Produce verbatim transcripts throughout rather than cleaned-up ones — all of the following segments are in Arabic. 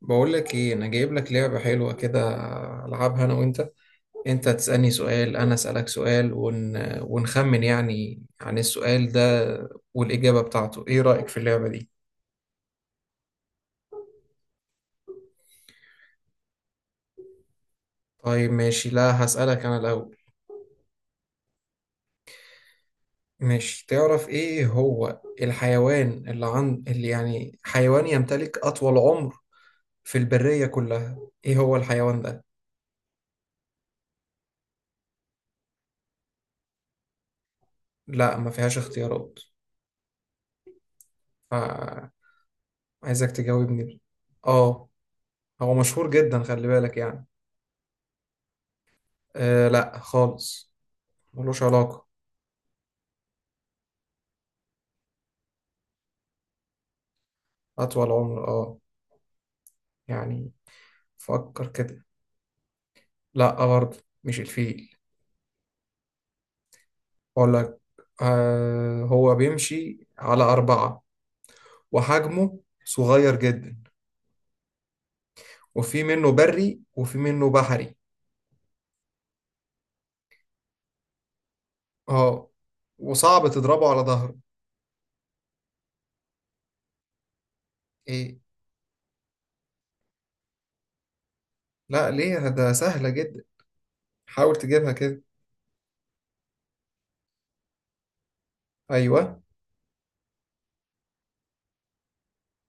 بقول لك ايه، انا جايب لك لعبة حلوة كده. العبها انا وانت. انت تسألني سؤال، انا اسألك سؤال، ون... ونخمن يعني عن السؤال ده والإجابة بتاعته. ايه رأيك في اللعبة دي؟ طيب ماشي، لا هسألك انا الاول. ماشي، تعرف ايه هو الحيوان اللي عند اللي يعني حيوان يمتلك اطول عمر في البرية كلها؟ ايه هو الحيوان ده؟ لا، ما فيهاش اختيارات، فعايزك تجاوبني. اه، هو مشهور جدا، خلي بالك يعني آه لا خالص، ملوش علاقة. أطول عمر، اه يعني فكر كده. لا برضه، مش الفيل. أقول لك، آه، هو بيمشي على أربعة وحجمه صغير جدا، وفي منه بري وفي منه بحري. اه، وصعب تضربه على ظهره. ايه؟ لا ليه، ده سهلة جدا، حاول تجيبها كده. أيوه،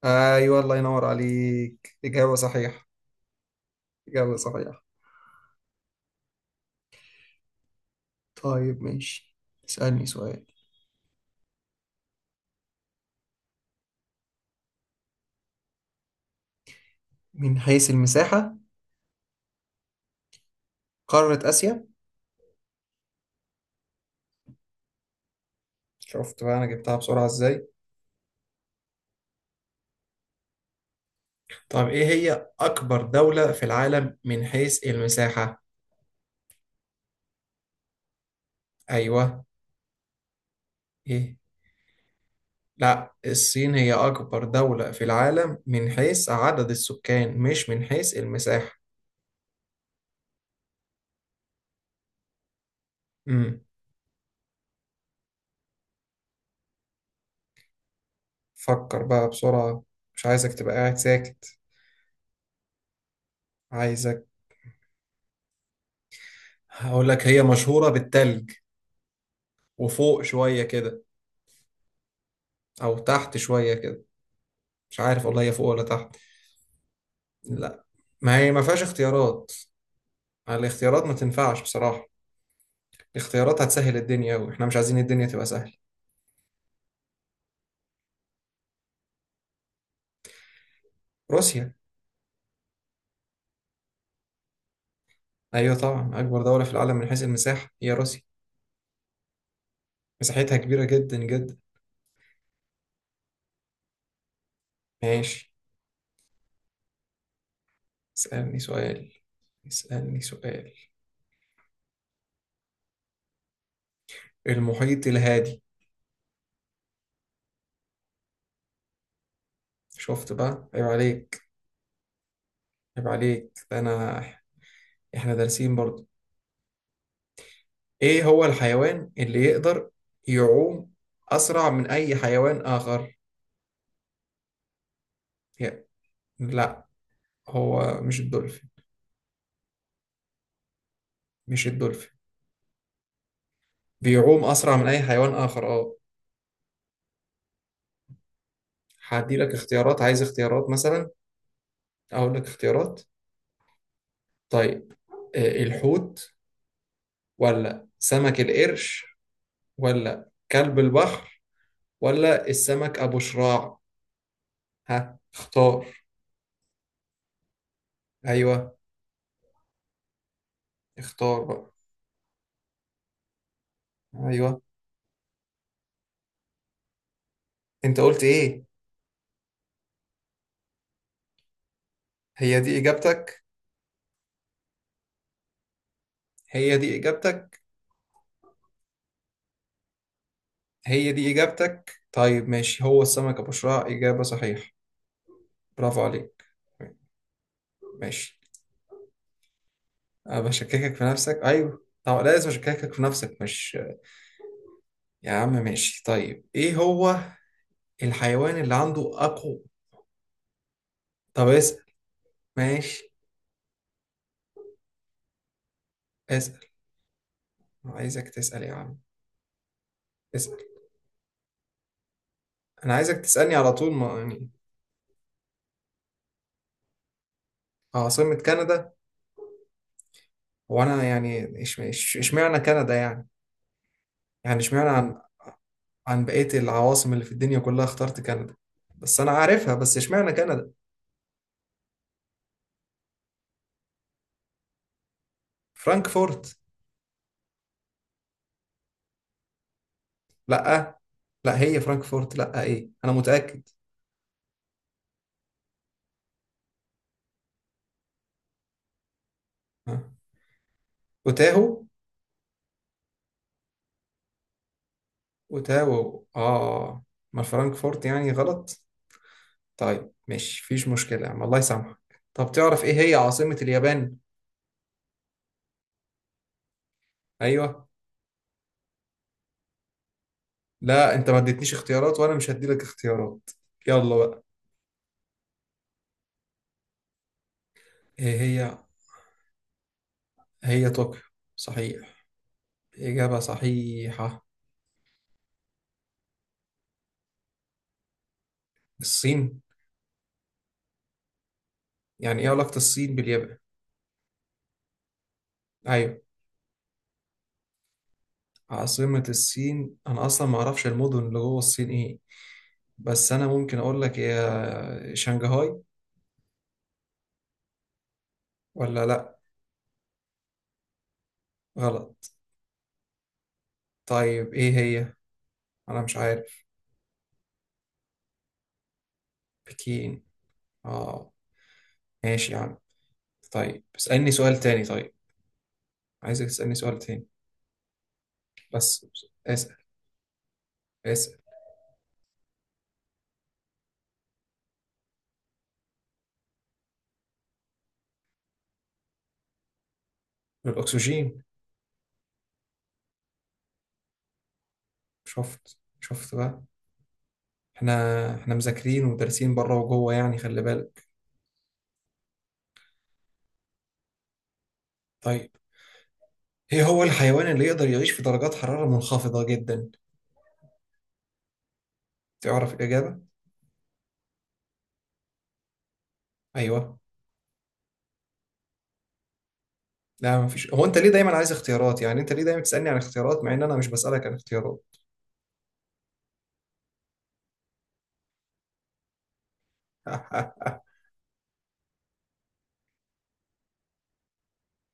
أيوه، الله ينور عليك، إجابة صحيحة، إجابة صحيحة. طيب ماشي، اسألني سؤال. من حيث المساحة؟ قارة آسيا. شفت بقى أنا جبتها بسرعة إزاي؟ طب إيه هي أكبر دولة في العالم من حيث المساحة؟ أيوه. إيه؟ لا، الصين هي أكبر دولة في العالم من حيث عدد السكان، مش من حيث المساحة. امم، فكر بقى بسرعة، مش عايزك تبقى قاعد ساكت، عايزك. هقول لك، هي مشهورة بالتلج وفوق شوية كده، أو تحت شوية كده، مش عارف والله هي فوق ولا تحت. لا، ما هي ما فيهاش اختيارات، الاختيارات ما تنفعش بصراحة، الاختيارات هتسهل الدنيا، واحنا مش عايزين الدنيا تبقى سهلة. روسيا. ايوه طبعا، اكبر دولة في العالم من حيث المساحة هي روسيا، مساحتها كبيرة جدا جدا. ماشي، اسألني سؤال، اسألني سؤال. المحيط الهادي. شفت بقى، عيب عليك، عيب عليك، ده انا، احنا دارسين برضو. ايه هو الحيوان اللي يقدر يعوم اسرع من اي حيوان اخر؟ يا- لا، هو مش الدولفين، مش الدولفين. بيعوم اسرع من اي حيوان اخر، اه. هدي لك اختيارات، عايز اختيارات مثلا، اقول لك اختيارات. طيب، آه، الحوت، ولا سمك القرش، ولا كلب البحر، ولا السمك ابو شراع؟ ها اختار. ايوه، اختار بقى. ايوه، انت قلت ايه؟ هي دي اجابتك، هي دي اجابتك، هي دي اجابتك؟ طيب ماشي، هو السمك ابو شراع اجابة صحيحة. برافو عليك. ماشي. أنا بشككك في نفسك، ايوه، طب لازم اشككك في نفسك مش؟ يا عم ماشي. طيب ايه هو الحيوان اللي عنده اقوى؟ طب اسأل، ماشي، اسأل، عايزك تسأل يا عم، اسأل. انا عايزك تسألني على طول ما يعني آه، عاصمة كندا؟ وانا يعني إش- إش- اشمعنى كندا يعني؟ يعني اشمعنى عن عن بقية العواصم اللي في الدنيا كلها اخترت كندا؟ بس انا عارفها، بس اشمعنى كندا. فرانكفورت. لا، لا هي فرانكفورت، لا ايه، انا متأكد. ها. اوتاهو، اوتاهو اه. ما فرانكفورت يعني غلط. طيب ماشي، مفيش مشكلة يا عم، الله يسامحك. طب تعرف ايه هي عاصمة اليابان؟ ايوه. لا، انت ما اديتنيش اختيارات، وانا مش هديلك اختيارات، يلا بقى. ايه هي؟ هي طوكيو، صحيح، إجابة صحيحة. الصين؟ يعني ايه علاقة الصين باليابان؟ ايوه. عاصمة الصين؟ انا اصلا ما اعرفش المدن اللي جوه الصين ايه، بس انا ممكن اقول لك يا شنغهاي، ولا لا؟ غلط. طيب ايه هي؟ انا مش عارف. بكين، اه. ماشي يا عم. طيب اسألني سؤال تاني، طيب، عايزك تسألني سؤال تاني، بس اسأل، اسأل. الأكسجين. شفت، شفت بقى، احنا احنا مذاكرين ودارسين بره وجوه، يعني خلي بالك. طيب، ايه هو الحيوان اللي يقدر يعيش في درجات حرارة منخفضة جدا؟ تعرف الإجابة؟ أيوه. لا مفيش، هو أنت ليه دايما عايز اختيارات يعني؟ أنت ليه دايما تسألني عن اختيارات مع إن أنا مش بسألك عن اختيارات؟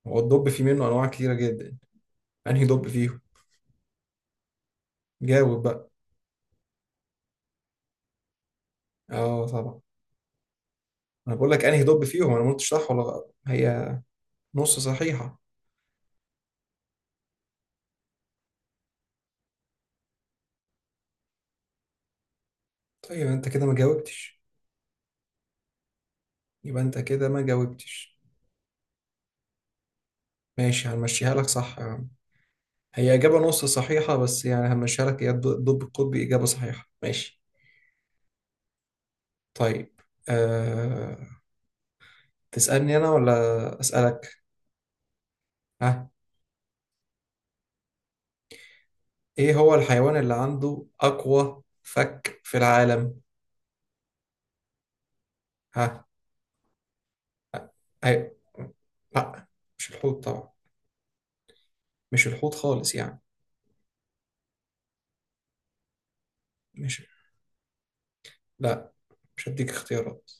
هو الدب فيه منه أنواع كتيرة جدا، أنهي دب فيهم؟ جاوب بقى. اه طبعا. انا بقول لك انهي دب فيهم، انا ما قلتش صح ولا غلط، هي نص صحيحة. طيب انت كده ما جاوبتش، يبقى انت كده ما جاوبتش. ماشي، هنمشيها لك، صح يا عم، هي إجابة نص صحيحة، بس يعني هنمشيها لك، هي الد- الدب القطبي إجابة صحيحة، ماشي. طيب، أه... تسألني أنا ولا أسألك؟ ها. إيه هو الحيوان اللي عنده أقوى فك في العالم؟ ها. أيوة. لا، مش الحوت طبعا، مش الحوت خالص يعني. مش لا مش هديك اختيارات.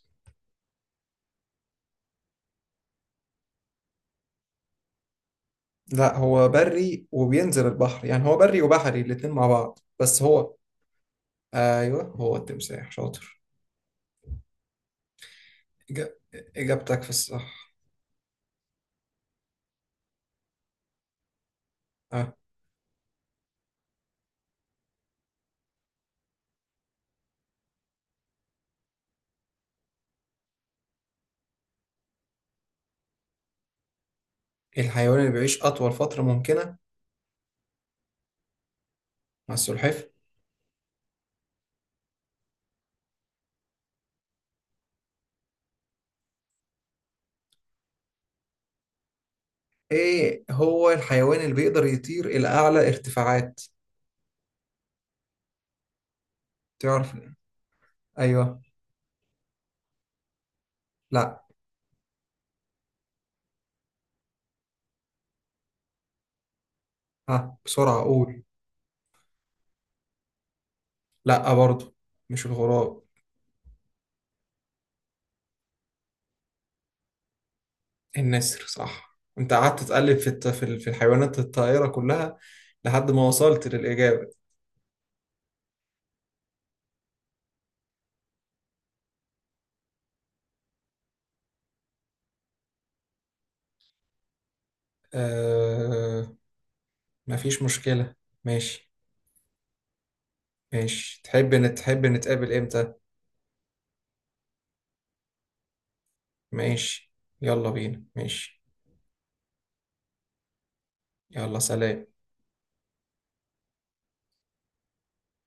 لا، هو بري وبينزل البحر، يعني هو بري وبحري الاتنين مع بعض، بس هو. ايوه، هو التمساح شاطر. إجا- اجابتك في الصح. اه، الحيوان اللي بيعيش اطول فترة ممكنة مع السلحفاة. ايه هو الحيوان اللي بيقدر يطير الى اعلى ارتفاعات؟ تعرف؟ ايوه. لا. ها بسرعة قول. لا برضو، مش الغراب. النسر صح، انت قعدت تقلب في الت- في ال- في الحيوانات الطائرة كلها لحد ما وصلت للإجابة. آه. مفيش مشكلة، ماشي، ماشي. تحب نت- تحب نتقابل امتى؟ ماشي، يلا بينا، ماشي، يلا سلام.